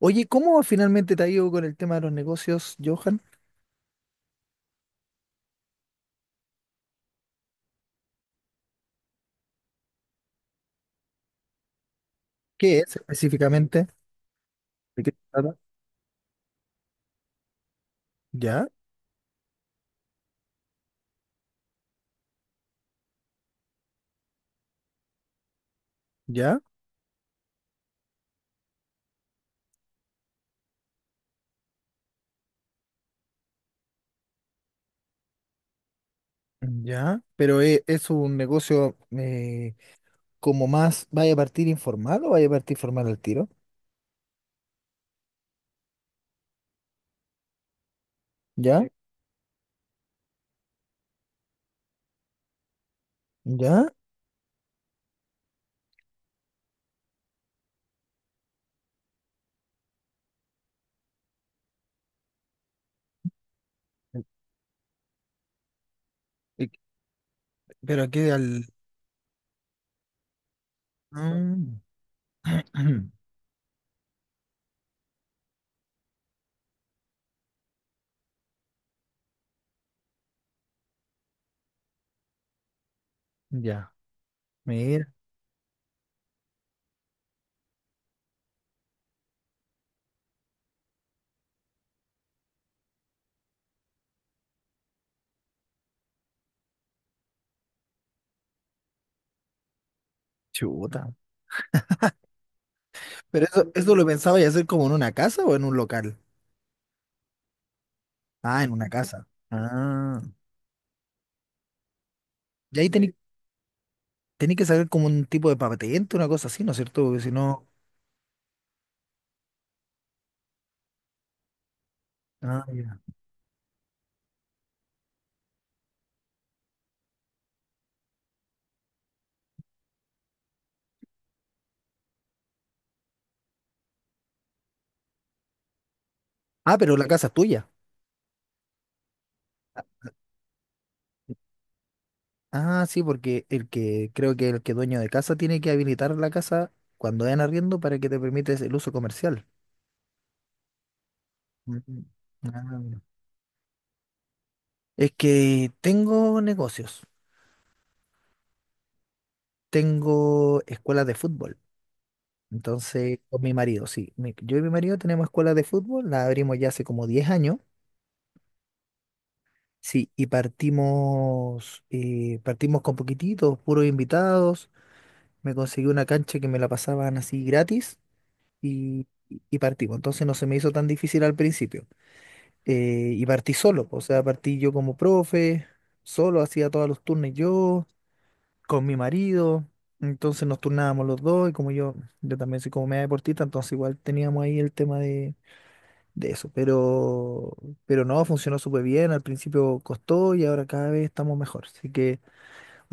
Oye, ¿cómo finalmente te ha ido con el tema de los negocios, Johan? ¿Qué es específicamente? ¿De qué se trata? Ya, ya, ya. Pero es un negocio como más, ¿vaya a partir informal o vaya a partir formal al tiro? ¿Ya? Sí. ¿Ya? ¿Y- ¿Pero aquí al...? Mm. Ya, mira, chuta. ¿Pero eso lo pensaba pensabas hacer como en una casa o en un local? Ah, en una casa. Ah. Y ahí tenéis que saber como un tipo de patente, una cosa así, ¿no es cierto? Porque si no... Ah, ya. Ah, pero la casa es tuya. Ah, sí, porque el que creo que el que dueño de casa tiene que habilitar la casa cuando en arriendo para que te permites el uso comercial. Mm. Ah, mira. Es que tengo negocios, tengo escuelas de fútbol. Entonces, con mi marido, sí. Yo y mi marido tenemos escuelas de fútbol, la abrimos ya hace como 10 años. Sí, y partimos, partimos con poquititos, puros invitados. Me conseguí una cancha que me la pasaban así gratis. y, y partimos. Entonces no se me hizo tan difícil al principio. Y partí solo, o sea, partí yo como profe, solo hacía todos los turnos yo, con mi marido. Entonces nos turnábamos los dos y como yo también soy como media deportista, entonces igual teníamos ahí el tema de eso. Pero no, funcionó súper bien, al principio costó y ahora cada vez estamos mejor. Así que...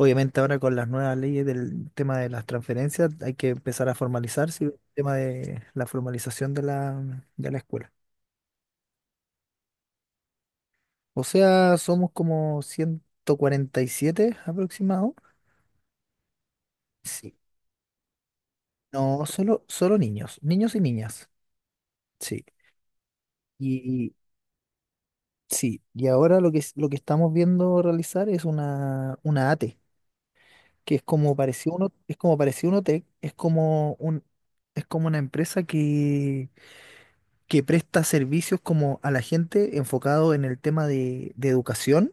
Obviamente ahora con las nuevas leyes del tema de las transferencias hay que empezar a formalizarse, el tema de la formalización de de la escuela. O sea, somos como 147 aproximados. Sí. No, solo niños, niños y niñas. Sí. Y sí, y ahora lo que, lo que estamos viendo realizar es una ATE, que es como pareció uno, es como pareció Unotec, es como un es como una empresa que presta servicios como a la gente enfocado en el tema de educación,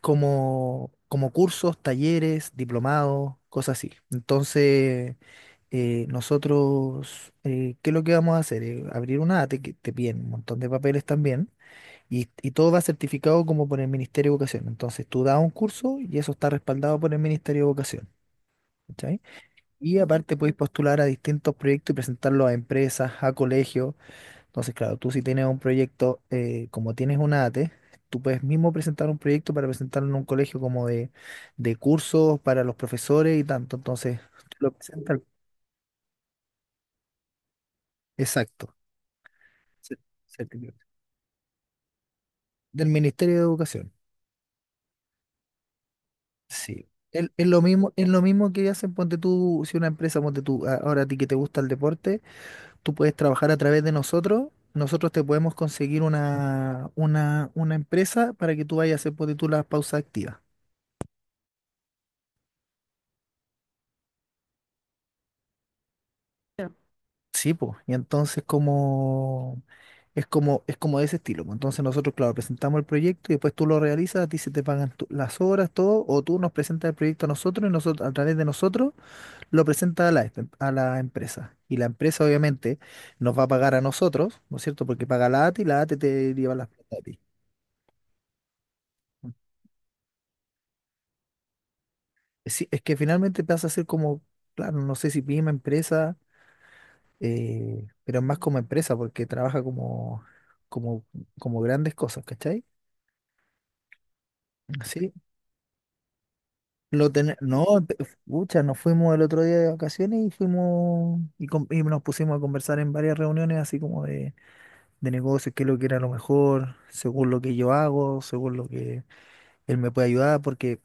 como cursos, talleres, diplomados, cosas así. Entonces, nosotros, ¿qué es lo que vamos a hacer? Abrir una ATE que te piden un montón de papeles también y todo va certificado como por el Ministerio de Educación. Entonces, tú das un curso y eso está respaldado por el Ministerio de Educación. ¿Cachai? Y aparte podéis postular a distintos proyectos y presentarlos a empresas, a colegios. Entonces, claro, tú si tienes un proyecto, como tienes una ATE, tú puedes mismo presentar un proyecto para presentarlo en un colegio como de cursos para los profesores y tanto. Entonces, tú lo presentas. Exacto. cer- Certificado. Del Ministerio de Educación. Sí. Es lo mismo, es lo mismo que hacen, ponte tú, si una empresa, ponte tú, ahora a ti que te gusta el deporte, tú puedes trabajar a través de nosotros, nosotros te podemos conseguir una empresa para que tú vayas a hacer, ponte tú, las pausas activas. Sí, pues, y entonces como es como es como de ese estilo, po. Entonces nosotros, claro, presentamos el proyecto y después tú lo realizas, a ti se te pagan las horas, todo, o tú nos presentas el proyecto a nosotros y nosotros a través de nosotros lo presentas a a la empresa. Y la empresa obviamente nos va a pagar a nosotros, ¿no es cierto? Porque paga la ATI y la ATI te lleva las plata a ti. Sí, es que finalmente pasa a ser como, claro, no sé si PYME empresa, pero más como empresa porque trabaja como, como grandes cosas, ¿cachai? Sí, No, pucha, nos fuimos el otro día de vacaciones y fuimos y, y nos pusimos a conversar en varias reuniones así como de negocios, qué es lo que era lo mejor, según lo que yo hago, según lo que él me puede ayudar, porque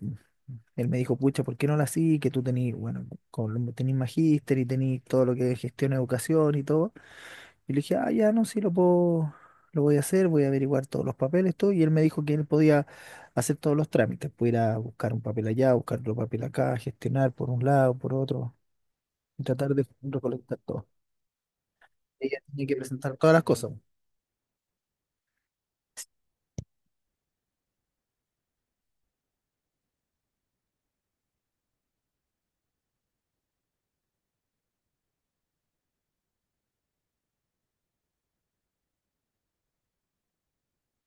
él me dijo, pucha, ¿por qué no la así? Que tú tenés, bueno, tenés magíster y tenés todo lo que es gestión, educación y todo. Y le dije, ah, ya no, sí, lo voy a hacer, voy a averiguar todos los papeles, todo. Y él me dijo que él podía hacer todos los trámites, pudiera ir a buscar un papel allá, buscar otro papel acá, gestionar por un lado, por otro, y tratar de recolectar todo. Ella tenía que presentar todas las cosas.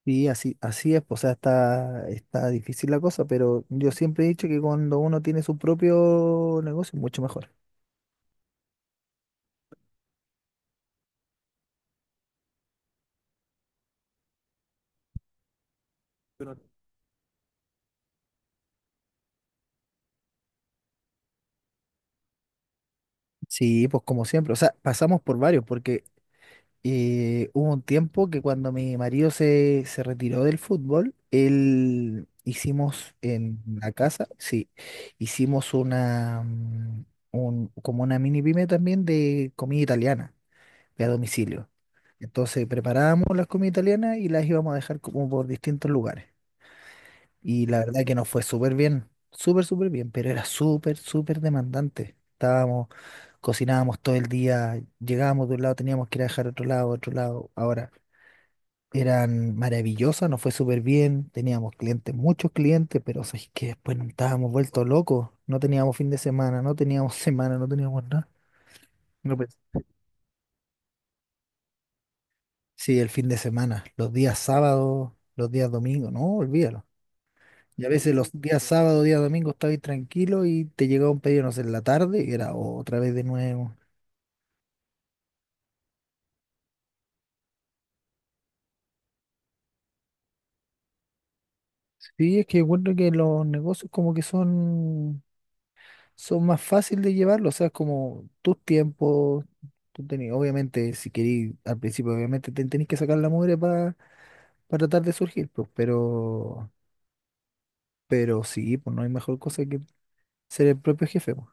Así, así es, pues, o sea, está difícil la cosa, pero yo siempre he dicho que cuando uno tiene su propio negocio, mucho mejor. Pero- Sí, pues, como siempre, o sea, pasamos por varios, porque hubo un tiempo que cuando mi marido se retiró del fútbol, él hicimos en la casa, sí, hicimos como una mini pyme también de comida italiana, de a domicilio. Entonces preparábamos las comidas italianas y las íbamos a dejar como por distintos lugares. Y la verdad que nos fue súper bien, súper, súper bien, pero era súper, súper demandante. Estábamos Cocinábamos todo el día, llegábamos de un lado, teníamos que ir a dejar a otro lado, a otro lado. Ahora, eran maravillosas, nos fue súper bien, teníamos clientes, muchos clientes, pero es que después nos estábamos vueltos locos, no teníamos fin de semana, no teníamos semana, no teníamos nada. No pens- Sí, el fin de semana, los días sábados, los días domingos, no, olvídalo. Y a veces los días sábado días domingo estabas tranquilo y te llegaba un pedido, no sé, en la tarde y era otra vez de nuevo. Sí, es que encuentro que los negocios como que son más fáciles de llevarlo, o sea, es como tus tiempos, tú tenés, obviamente, si querís, al principio obviamente te tenés que sacar la mugre para tratar de surgir, pues, pero sí, pues no hay mejor cosa que ser el propio jefe, pues.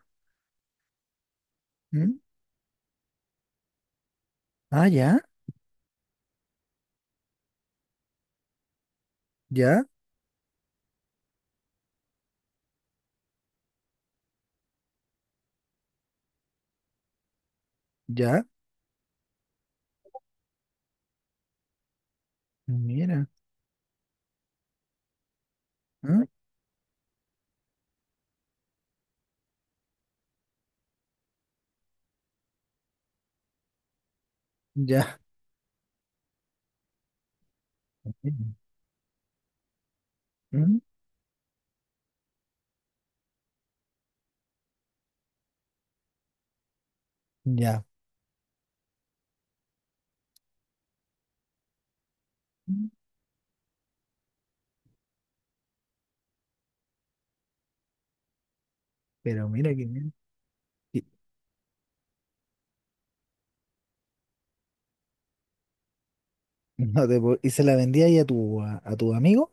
¿Mm? Ah, ya, ya, ya, mira, ¿ah? Ya, ¿Mm? Ya. ¿Mm? Pero mira que bien. Y no te puedo- y se la vendía ahí a tu, a tu amigo.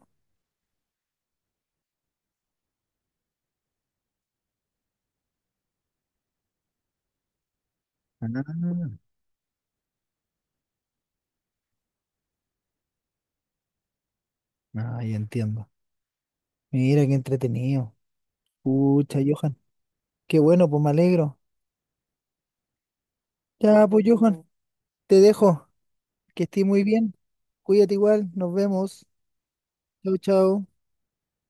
Ah, ah, ah, ah, ya entiendo. Mira qué entretenido. Pucha, Johan. Qué bueno, pues me alegro. Ya, pues, Johan, te dejo. Que estés muy bien. Cuídate igual. Nos vemos. Chau, chau.